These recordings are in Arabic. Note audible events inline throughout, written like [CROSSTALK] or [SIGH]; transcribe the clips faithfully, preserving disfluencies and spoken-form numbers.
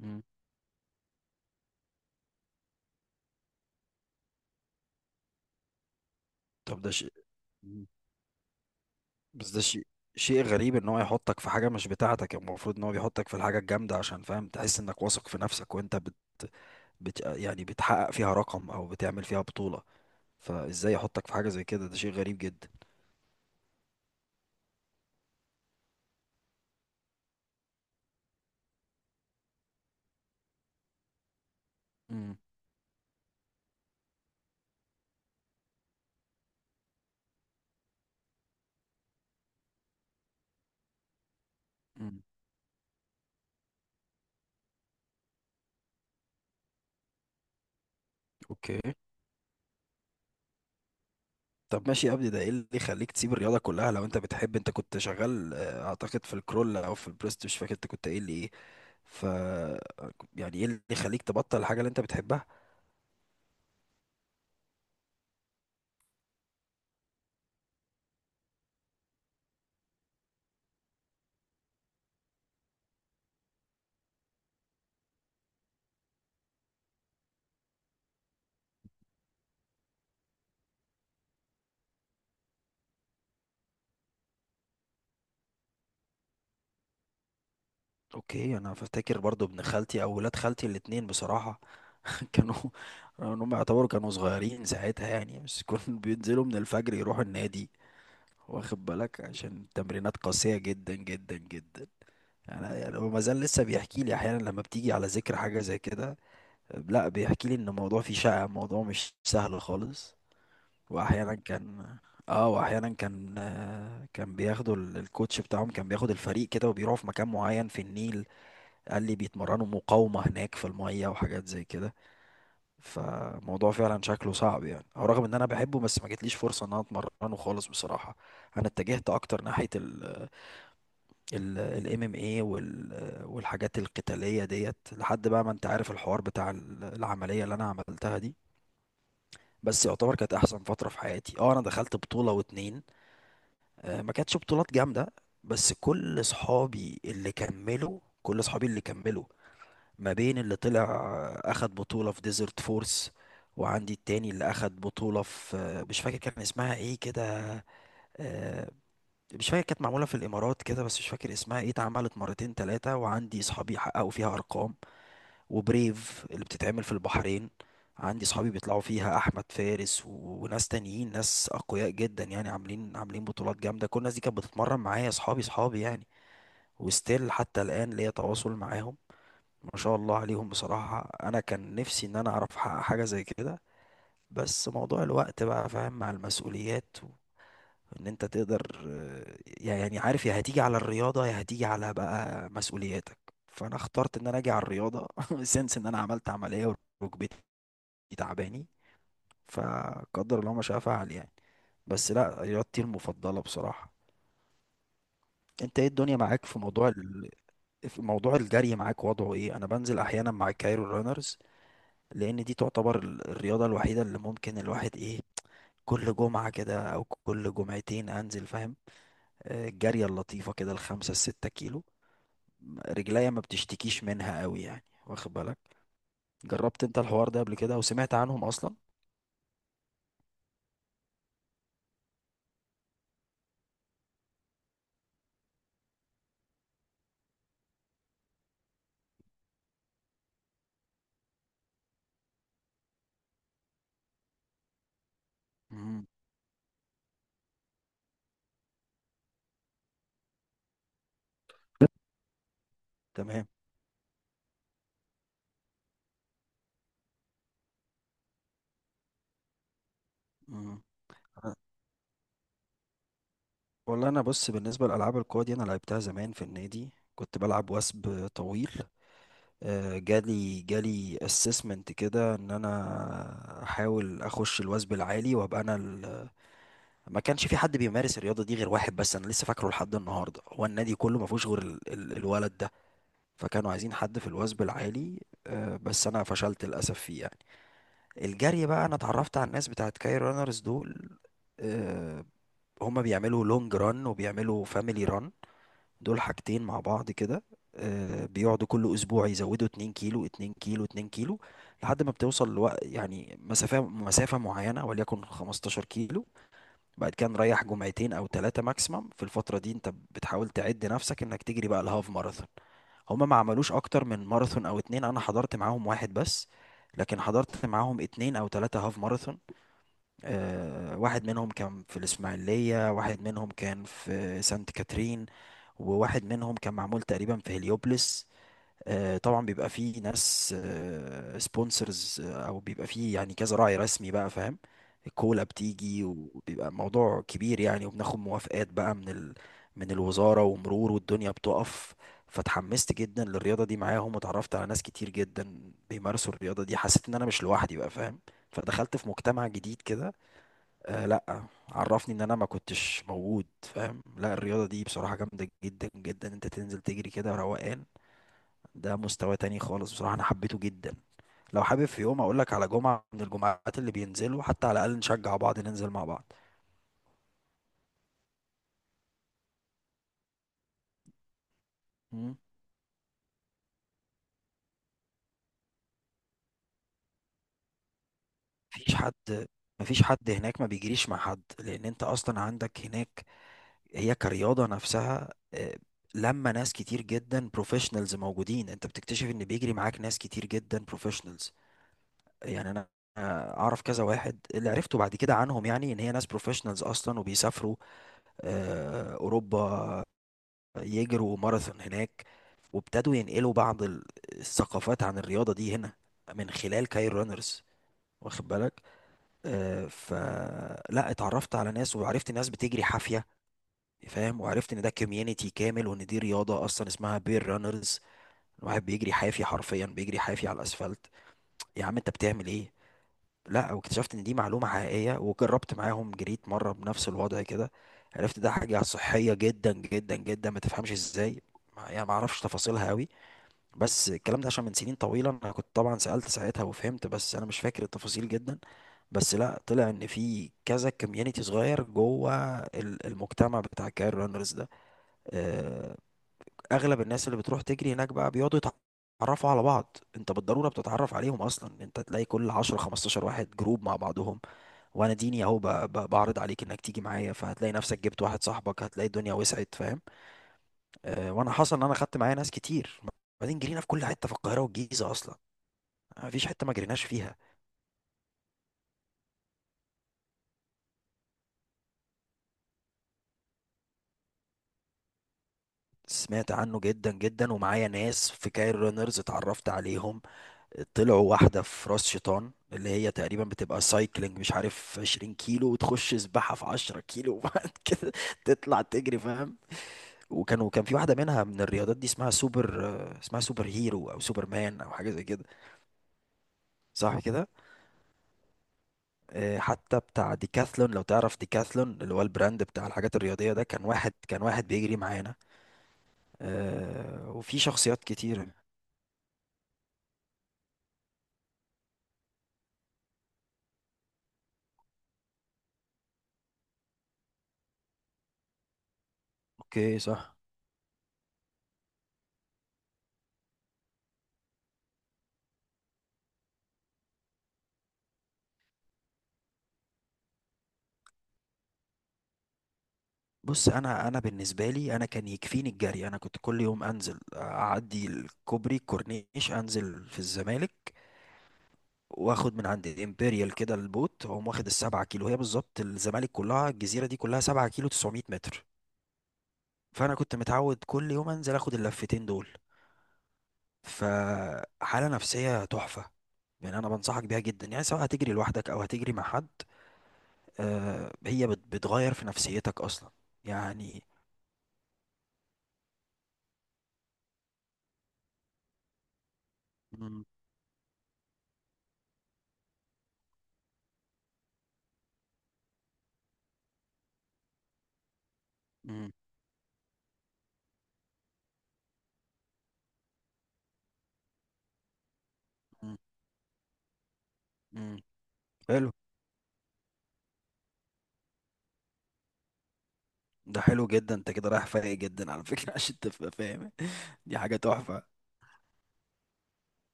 مم. طب ده شيء. مم. بس ده شيء، شيء غريب ان هو يحطك في حاجة مش بتاعتك، يعني المفروض ان هو بيحطك في الحاجة الجامدة عشان، فاهم، تحس انك واثق في نفسك وانت بت... بت... يعني بتحقق فيها رقم او بتعمل فيها بطولة. فازاي يحطك في حاجة زي كده؟ ده شيء غريب جدا. مم. مم. اوكي، طب ماشي يا ابني، ده ايه اللي يخليك تسيب الرياضة كلها؟ لو انت بتحب، انت كنت شغال آه، اعتقد في الكرول او في البريست، مش فاكر انت كنت قايل لي ايه. ف يعني ايه اللي يخليك تبطل الحاجة اللي انت بتحبها؟ اوكي. انا فاكر برضو ابن خالتي او ولاد خالتي الاتنين بصراحة [LAUGHS] كانوا، ان هم يعتبروا كانوا صغيرين ساعتها يعني، بس كانوا [LAUGHS] بينزلوا من الفجر يروحوا النادي، واخد بالك؟ عشان تمرينات قاسية جدا جدا جدا. انا يعني هو ما زال لسه بيحكي لي احيانا لما بتيجي على ذكر حاجة زي كده. لا، بيحكي لي ان الموضوع فيه شقة، الموضوع مش سهل خالص. واحيانا كان، اه واحيانا كان آه، كان بياخدوا ال- الكوتش بتاعهم كان بياخد الفريق كده وبيروحوا في مكان معين في النيل. قال لي بيتمرنوا مقاومة هناك في المية وحاجات زي كده. فموضوع فعلا شكله صعب يعني، او رغم ان انا بحبه بس ما جاتليش فرصة ان انا اتمرنه خالص بصراحة. انا اتجهت اكتر ناحية ال الام ام اي والحاجات القتالية ديت، لحد بقى ما انت عارف الحوار بتاع ال- العملية اللي انا عملتها دي. بس يعتبر كانت احسن فترة في حياتي. اه، انا دخلت بطولة واتنين. آه، ما كانتش بطولات جامدة. بس كل صحابي اللي كملوا، كل صحابي اللي كملوا ما بين اللي طلع اخد بطولة في ديزرت فورس، وعندي التاني اللي اخد بطولة في، مش فاكر كان اسمها ايه كده، آه، مش فاكر. كانت معمولة في الامارات كده بس مش فاكر اسمها ايه. اتعملت مرتين تلاتة وعندي صحابي حققوا فيها ارقام. وبريف اللي بتتعمل في البحرين، عندي صحابي بيطلعوا فيها، احمد فارس و- وناس تانيين، ناس اقوياء جدا يعني، عاملين عاملين بطولات جامدة. كل الناس دي كانت بتتمرن معايا، صحابي، صحابي يعني. وستيل حتى الان ليا تواصل معاهم. ما شاء الله عليهم بصراحة. أنا كان نفسي إن أنا أعرف أحقق حاجة زي كده، بس موضوع الوقت بقى فاهم، مع المسؤوليات و... إن أنت تقدر، آه، يعني عارف، يا هتيجي على الرياضة يا هتيجي على بقى مسؤولياتك. فأنا اخترت إن أنا أجي على الرياضة [LAUGHS] سنس إن أنا عملت عملية، وركبتي تعباني، فقدر الله ما شاء فعل يعني. بس لا، رياضتي المفضلة بصراحة. أنت إيه الدنيا معاك في موضوع ال... في موضوع الجري؟ معاك وضعه إيه؟ أنا بنزل أحيانا مع الكايرو رانرز، لان دي تعتبر ال- الرياضة الوحيدة اللي ممكن الواحد ايه، كل جمعة كده او كل جمعتين انزل فاهم، آه، الجارية اللطيفة كده الخمسة الستة كيلو، م- رجليا ما بتشتكيش منها قوي يعني، واخد بالك؟ جربت انت الحوار ده قبل كده، او سمعت عنهم اصلا؟ امم. تمام. امم. والله انا، بص، بالنسبة لالعاب القوى دي، انا لعبتها زمان في النادي، كنت بلعب وثب طويل. آه، جالي جالي اسسمنت كده ان انا احاول اخش الوثب العالي وابقى انا، ما كانش في حد بيمارس الرياضه دي غير واحد بس، انا لسه فاكره لحد النهارده، هو النادي كله ما فيهوش غير ال ال الولد ده. فكانوا عايزين حد في الوزن العالي، آه، بس انا فشلت للاسف فيه يعني. الجري بقى، انا اتعرفت على الناس بتاعت كاي رانرز دول. آه، هما بيعملوا لونج ران وبيعملوا فاميلي ران، دول حاجتين مع بعض كده. آه، بيقعدوا كل اسبوع يزودوا 2 كيلو، 2 كيلو، 2 كيلو، لحد ما بتوصل لوقت يعني، مسافة مسافة معينة، وليكن 15 كيلو. بعد كده نريح جمعتين او ثلاثه ماكسيمم، في الفتره دي انت بتحاول تعد نفسك انك تجري بقى الهاف ماراثون. هما ما عملوش اكتر من ماراثون او اتنين، انا حضرت معاهم واحد بس، لكن حضرت معاهم اتنين او تلاتة هاف ماراثون. أه، واحد منهم كان في الاسماعيلية، واحد منهم كان في سانت كاترين، وواحد منهم كان معمول تقريبا في هليوبلس. آه، طبعا بيبقى فيه ناس سبونسرز، او بيبقى فيه يعني كذا راعي رسمي بقى فاهم، الكولا بتيجي وبيبقى موضوع كبير يعني، وبناخد موافقات بقى من ال... من الوزارة ومرور والدنيا بتقف. فتحمست جدا للرياضة دي معاهم، وتعرفت على ناس كتير جدا بيمارسوا الرياضة دي، حسيت ان انا مش لوحدي بقى فاهم، فدخلت في مجتمع جديد كده. آه لا، عرفني ان انا ما كنتش موجود فاهم، لا، الرياضة دي بصراحة جامدة جدا جدا. انت تنزل تجري كده روقان، ده مستوى تاني خالص بصراحة، أنا حبيته جدا. لو حابب في يوم أقول لك على جمعة من الجمعات اللي بينزلوا حتى، على الأقل نشجع بعض ننزل مع بعض. مم. مفيش حد مفيش حد هناك ما بيجريش مع حد، لأن أنت أصلا عندك هناك، هي كرياضة نفسها آه، لما ناس كتير جدا بروفيشنالز موجودين، أنت بتكتشف إن بيجري معاك ناس كتير جدا بروفيشنالز. يعني أنا آه، أعرف كذا واحد اللي عرفته بعد كده عنهم، يعني إن هي ناس بروفيشنالز أصلا وبيسافروا آه، أوروبا يجروا ماراثون هناك، وابتدوا ينقلوا بعض ال- الثقافات عن الرياضة دي هنا، من خلال كاير رانرز، واخد بالك؟ آه، فلا، اتعرفت على ناس وعرفت ناس بتجري حافية فاهم، وعرفت ان ده كوميونيتي كامل، وان دي رياضة اصلا اسمها بير رانرز. الواحد بيجري حافي، حرفيا بيجري حافي على الاسفلت. يا عم انت بتعمل ايه؟ لا، واكتشفت ان دي معلومة حقيقية، وجربت معاهم، جريت مرة بنفس الوضع كده، عرفت ده حاجة صحية جدا جدا جدا، ما تفهمش ازاي. ما- يعني ما اعرفش تفاصيلها قوي، بس الكلام ده عشان من سنين طويلة، أنا كنت طبعا سألت ساعتها وفهمت، بس أنا مش فاكر التفاصيل جدا. بس لا، طلع إن في كذا كوميونيتي صغير جوه ال- المجتمع بتاع الكاير رانرز ده. آه، أغلب الناس اللي بتروح تجري هناك بقى بيقعدوا يتعرفوا على بعض، أنت بالضرورة بتتعرف عليهم أصلا، أنت تلاقي كل عشرة خمستاشر واحد جروب مع بعضهم. وأنا ديني أهو، ب- ب- بعرض عليك إنك تيجي معايا، فهتلاقي نفسك جبت واحد صاحبك هتلاقي الدنيا وسعت فاهم. آه، وأنا حصل إن أنا خدت معايا ناس كتير. بعدين جرينا في كل حتة في القاهرة والجيزة أصلا، مفيش حتة ما جريناش فيها. سمعت عنه جدا جدا، ومعايا ناس في كاير رانرز اتعرفت عليهم، طلعوا واحدة في راس شيطان، اللي هي تقريبا بتبقى سايكلينج مش عارف 20 كيلو، وتخش سباحة في 10 كيلو [LAUGHS] وبعد كده تطلع تجري فاهم. وكان وكان في واحدة منها من الرياضات دي اسمها سوبر، آه، اسمها سوبر هيرو او سوبر مان او حاجة زي كده، صح كده؟ آه، حتى بتاع ديكاثلون، لو تعرف ديكاثلون اللي هو البراند بتاع الحاجات الرياضية ده، كان واحد، كان واحد بيجري معانا. آه، وفي شخصيات كتير. اوكي صح. بص، انا، انا بالنسبه لي انا كان يكفيني الجري. انا كنت كل يوم انزل اعدي الكوبري الكورنيش، انزل في الزمالك، واخد من عند الامبريال كده البوت اقوم واخد السبعة كيلو، هي بالظبط الزمالك كلها، الجزيره دي كلها سبعة كيلو تسعمية متر. فانا كنت متعود كل يوم انزل اخد اللفتين دول، فحاله نفسيه تحفه. يعني انا بنصحك بيها جدا، يعني سواء هتجري لوحدك او هتجري مع حد، آه، هي بت- بتغير في نفسيتك اصلا يعني. مم. مم. مم. حلو. ده حلو جدا، انت كده رايح فايق جدا على فكره [LAUGHS] عشان تبقى فاهم. دي حاجه تحفه.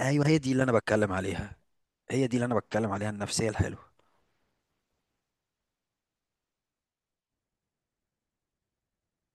ايوه، هي دي اللي انا بتكلم عليها، هي دي اللي انا بتكلم عليها، النفسيه الحلوه.